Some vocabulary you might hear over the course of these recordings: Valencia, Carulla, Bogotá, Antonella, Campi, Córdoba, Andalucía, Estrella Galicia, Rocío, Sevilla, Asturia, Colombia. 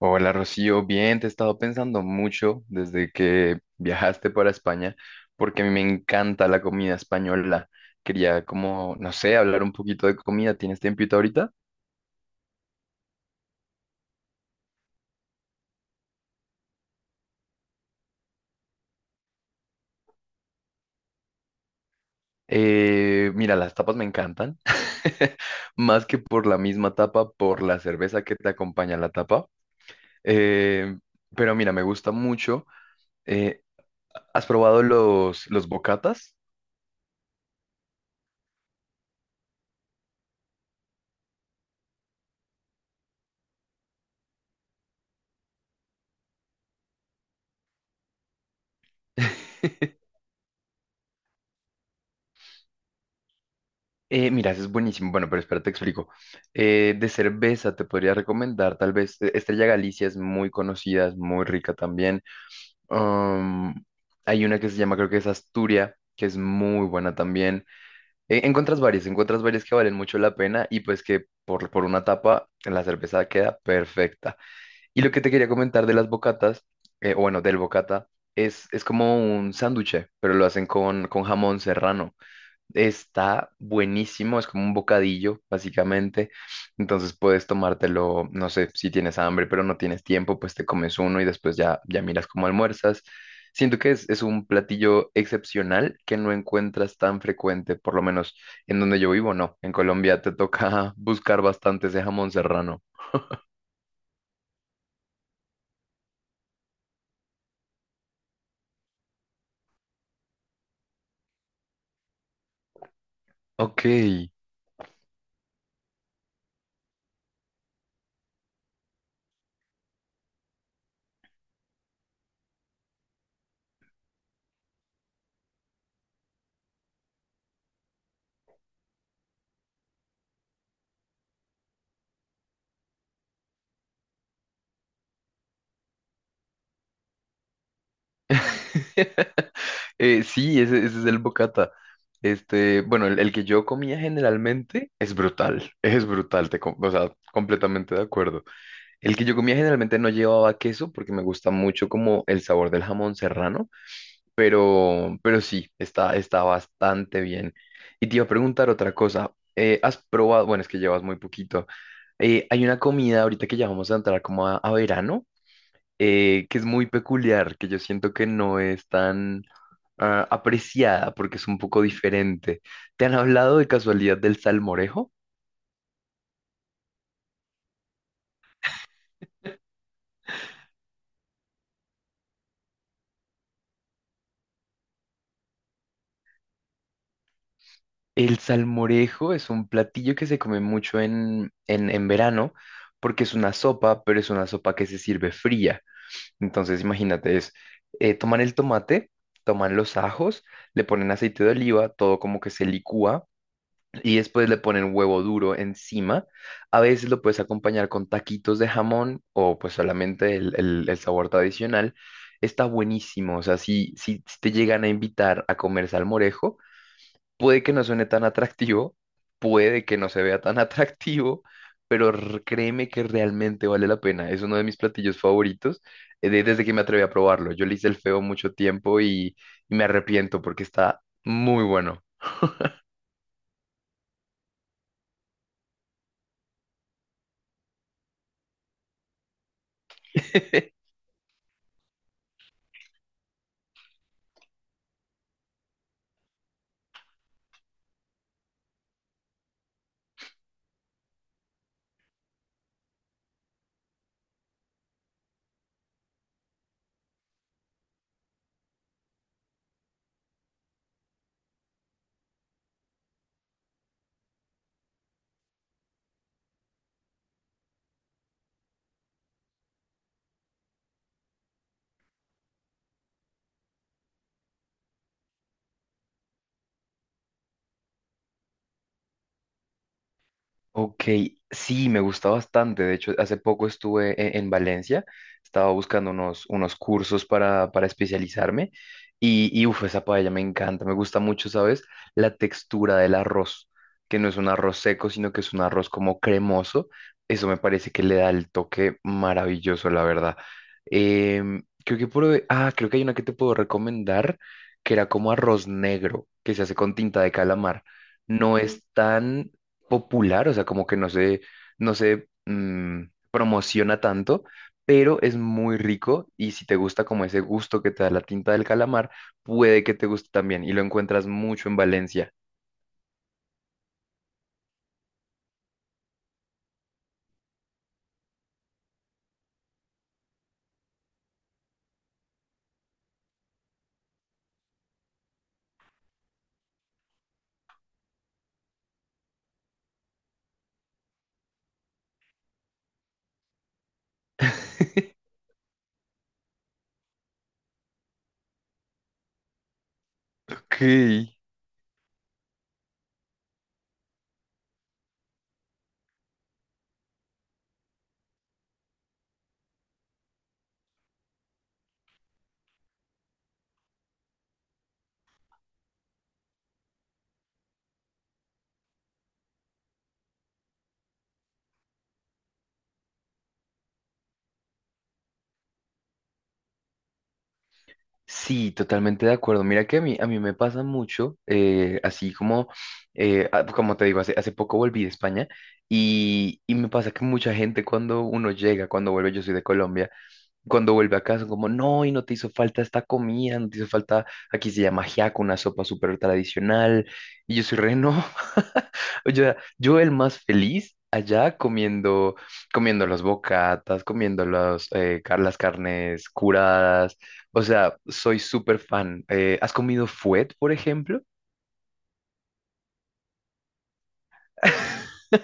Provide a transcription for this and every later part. Hola Rocío, bien, te he estado pensando mucho desde que viajaste para España, porque a mí me encanta la comida española. Quería como, no sé, hablar un poquito de comida. ¿Tienes tiempito ahorita? Mira, las tapas me encantan, más que por la misma tapa, por la cerveza que te acompaña a la tapa. Eh, pero mira, me gusta mucho. eh, ¿Has probado los bocatas? Mira, eso es buenísimo. Bueno, pero espera, te explico. De cerveza te podría recomendar, tal vez Estrella Galicia es muy conocida, es muy rica también. Um, hay una que se llama, creo que es Asturia, que es muy buena también. Encuentras varias que valen mucho la pena y pues que por una tapa la cerveza queda perfecta. Y lo que te quería comentar de las bocatas, o bueno, del bocata, es como un sánduche, pero lo hacen con jamón serrano. Está buenísimo, es como un bocadillo, básicamente. Entonces puedes tomártelo, no sé, si tienes hambre, pero no tienes tiempo, pues te comes uno y después ya miras cómo almuerzas. Siento que es un platillo excepcional que no encuentras tan frecuente, por lo menos en donde yo vivo, no. En Colombia te toca buscar bastante ese jamón serrano. Ok. Sí, ese es el bocata. Este, bueno, el que yo comía generalmente es brutal, es brutal, o sea, completamente de acuerdo. El que yo comía generalmente no llevaba queso porque me gusta mucho como el sabor del jamón serrano, pero sí, está, está bastante bien. Y te iba a preguntar otra cosa, ¿has probado, bueno, es que llevas muy poquito, hay una comida ahorita que ya vamos a entrar como a verano, que es muy peculiar, que yo siento que no es tan apreciada porque es un poco diferente. ¿Te han hablado de casualidad del salmorejo? El salmorejo es un platillo que se come mucho en verano porque es una sopa, pero es una sopa que se sirve fría. Entonces, imagínate, es toman el tomate, toman los ajos, le ponen aceite de oliva, todo como que se licúa y después le ponen huevo duro encima. A veces lo puedes acompañar con taquitos de jamón o pues solamente el sabor tradicional. Está buenísimo, o sea, si te llegan a invitar a comer salmorejo, puede que no suene tan atractivo, puede que no se vea tan atractivo, pero créeme que realmente vale la pena. Es uno de mis platillos favoritos desde que me atreví a probarlo. Yo le hice el feo mucho tiempo y me arrepiento porque está muy bueno. Ok, sí, me gusta bastante. De hecho, hace poco estuve en Valencia, estaba buscando unos cursos para especializarme y uf, esa paella me encanta, me gusta mucho, ¿sabes? La textura del arroz, que no es un arroz seco, sino que es un arroz como cremoso. Eso me parece que le da el toque maravilloso, la verdad. Creo que creo que hay una que te puedo recomendar, que era como arroz negro, que se hace con tinta de calamar. No es tan popular, o sea, como que no se, no se mm, promociona tanto, pero es muy rico y si te gusta como ese gusto que te da la tinta del calamar, puede que te guste también y lo encuentras mucho en Valencia. Ok. Sí, totalmente de acuerdo. Mira que a mí me pasa mucho, como te digo, hace poco volví de España y me pasa que mucha gente cuando uno llega, cuando vuelve, yo soy de Colombia, cuando vuelve a casa, como, no, y no te hizo falta esta comida, no te hizo falta, aquí se llama ajiaco, una sopa súper tradicional, y yo soy no, o sea, yo el más feliz allá comiendo, comiendo las bocatas, comiendo las carnes curadas, o sea, soy súper fan. ¿Has comido fuet, por ejemplo?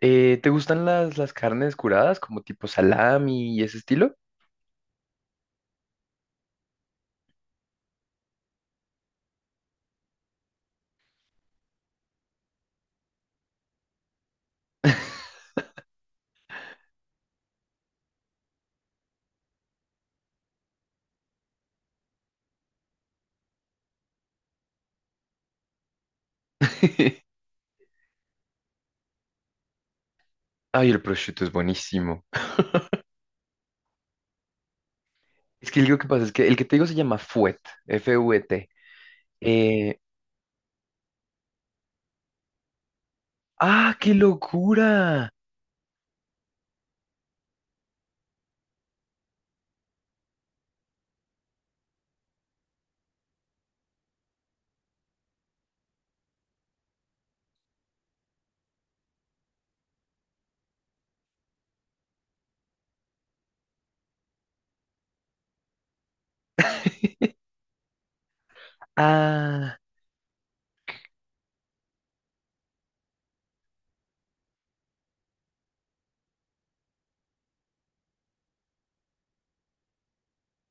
¿Te gustan las carnes curadas, como tipo salami y ese estilo? Ay, el prosciutto es buenísimo. Es que lo que pasa es que el que te digo se llama Fuet, F-U-E-T. Eh, ¡ah, qué locura! Ah,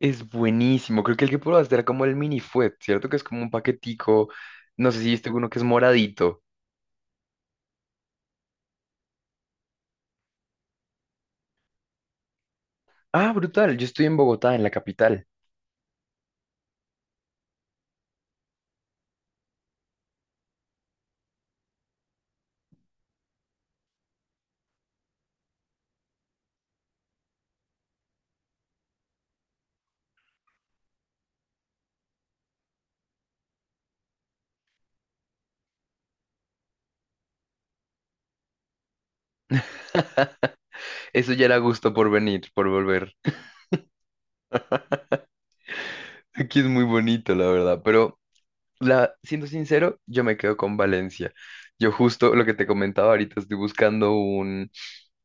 es buenísimo. Creo que el que probaste era como el mini fuet, ¿cierto? Que es como un paquetico. No sé si viste uno que es moradito. Ah, brutal. Yo estoy en Bogotá, en la capital. Eso ya era gusto por venir, por volver. Aquí es muy bonito, la verdad. Pero la, siendo sincero, yo me quedo con Valencia. Yo justo lo que te comentaba ahorita, estoy buscando un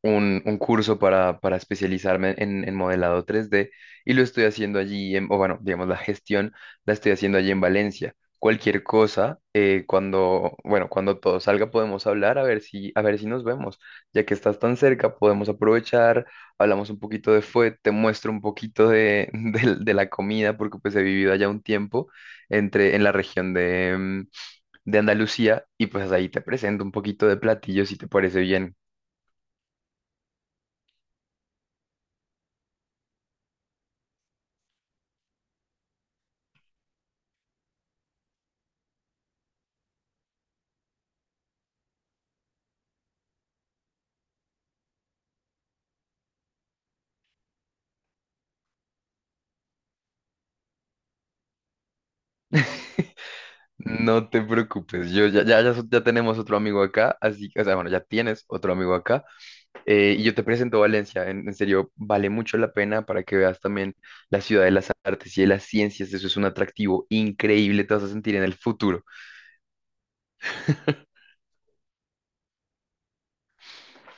un, un curso para especializarme en modelado 3D y lo estoy haciendo allí, o bueno, digamos, la gestión la estoy haciendo allí en Valencia. Cualquier cosa, cuando, bueno, cuando todo salga podemos hablar a ver si nos vemos. Ya que estás tan cerca, podemos aprovechar, hablamos un poquito de fue, te muestro un poquito de, de la comida, porque pues he vivido allá un tiempo en la región de, de Andalucía y pues ahí te presento un poquito de platillos si te parece bien. No te preocupes, yo ya, ya, ya, so- ya tenemos otro amigo acá, así, o sea, bueno, ya tienes otro amigo acá, y yo te presento Valencia, en serio, vale mucho la pena para que veas también la ciudad de las artes y de las ciencias, eso es un atractivo increíble, te vas a sentir en el futuro.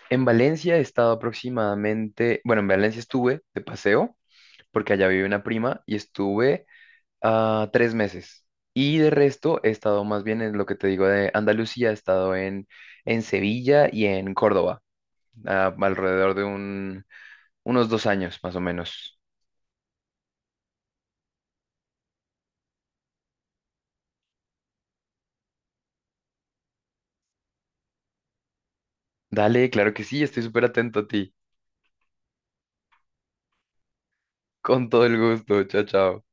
En Valencia he estado aproximadamente, bueno, en Valencia estuve de paseo, porque allá vive una prima, y estuve 3 meses, y de resto he estado más bien en lo que te digo de Andalucía, he estado en Sevilla y en Córdoba. Alrededor unos 2 años más o menos. Dale, claro que sí, estoy súper atento a ti. Con todo el gusto, chao, chao.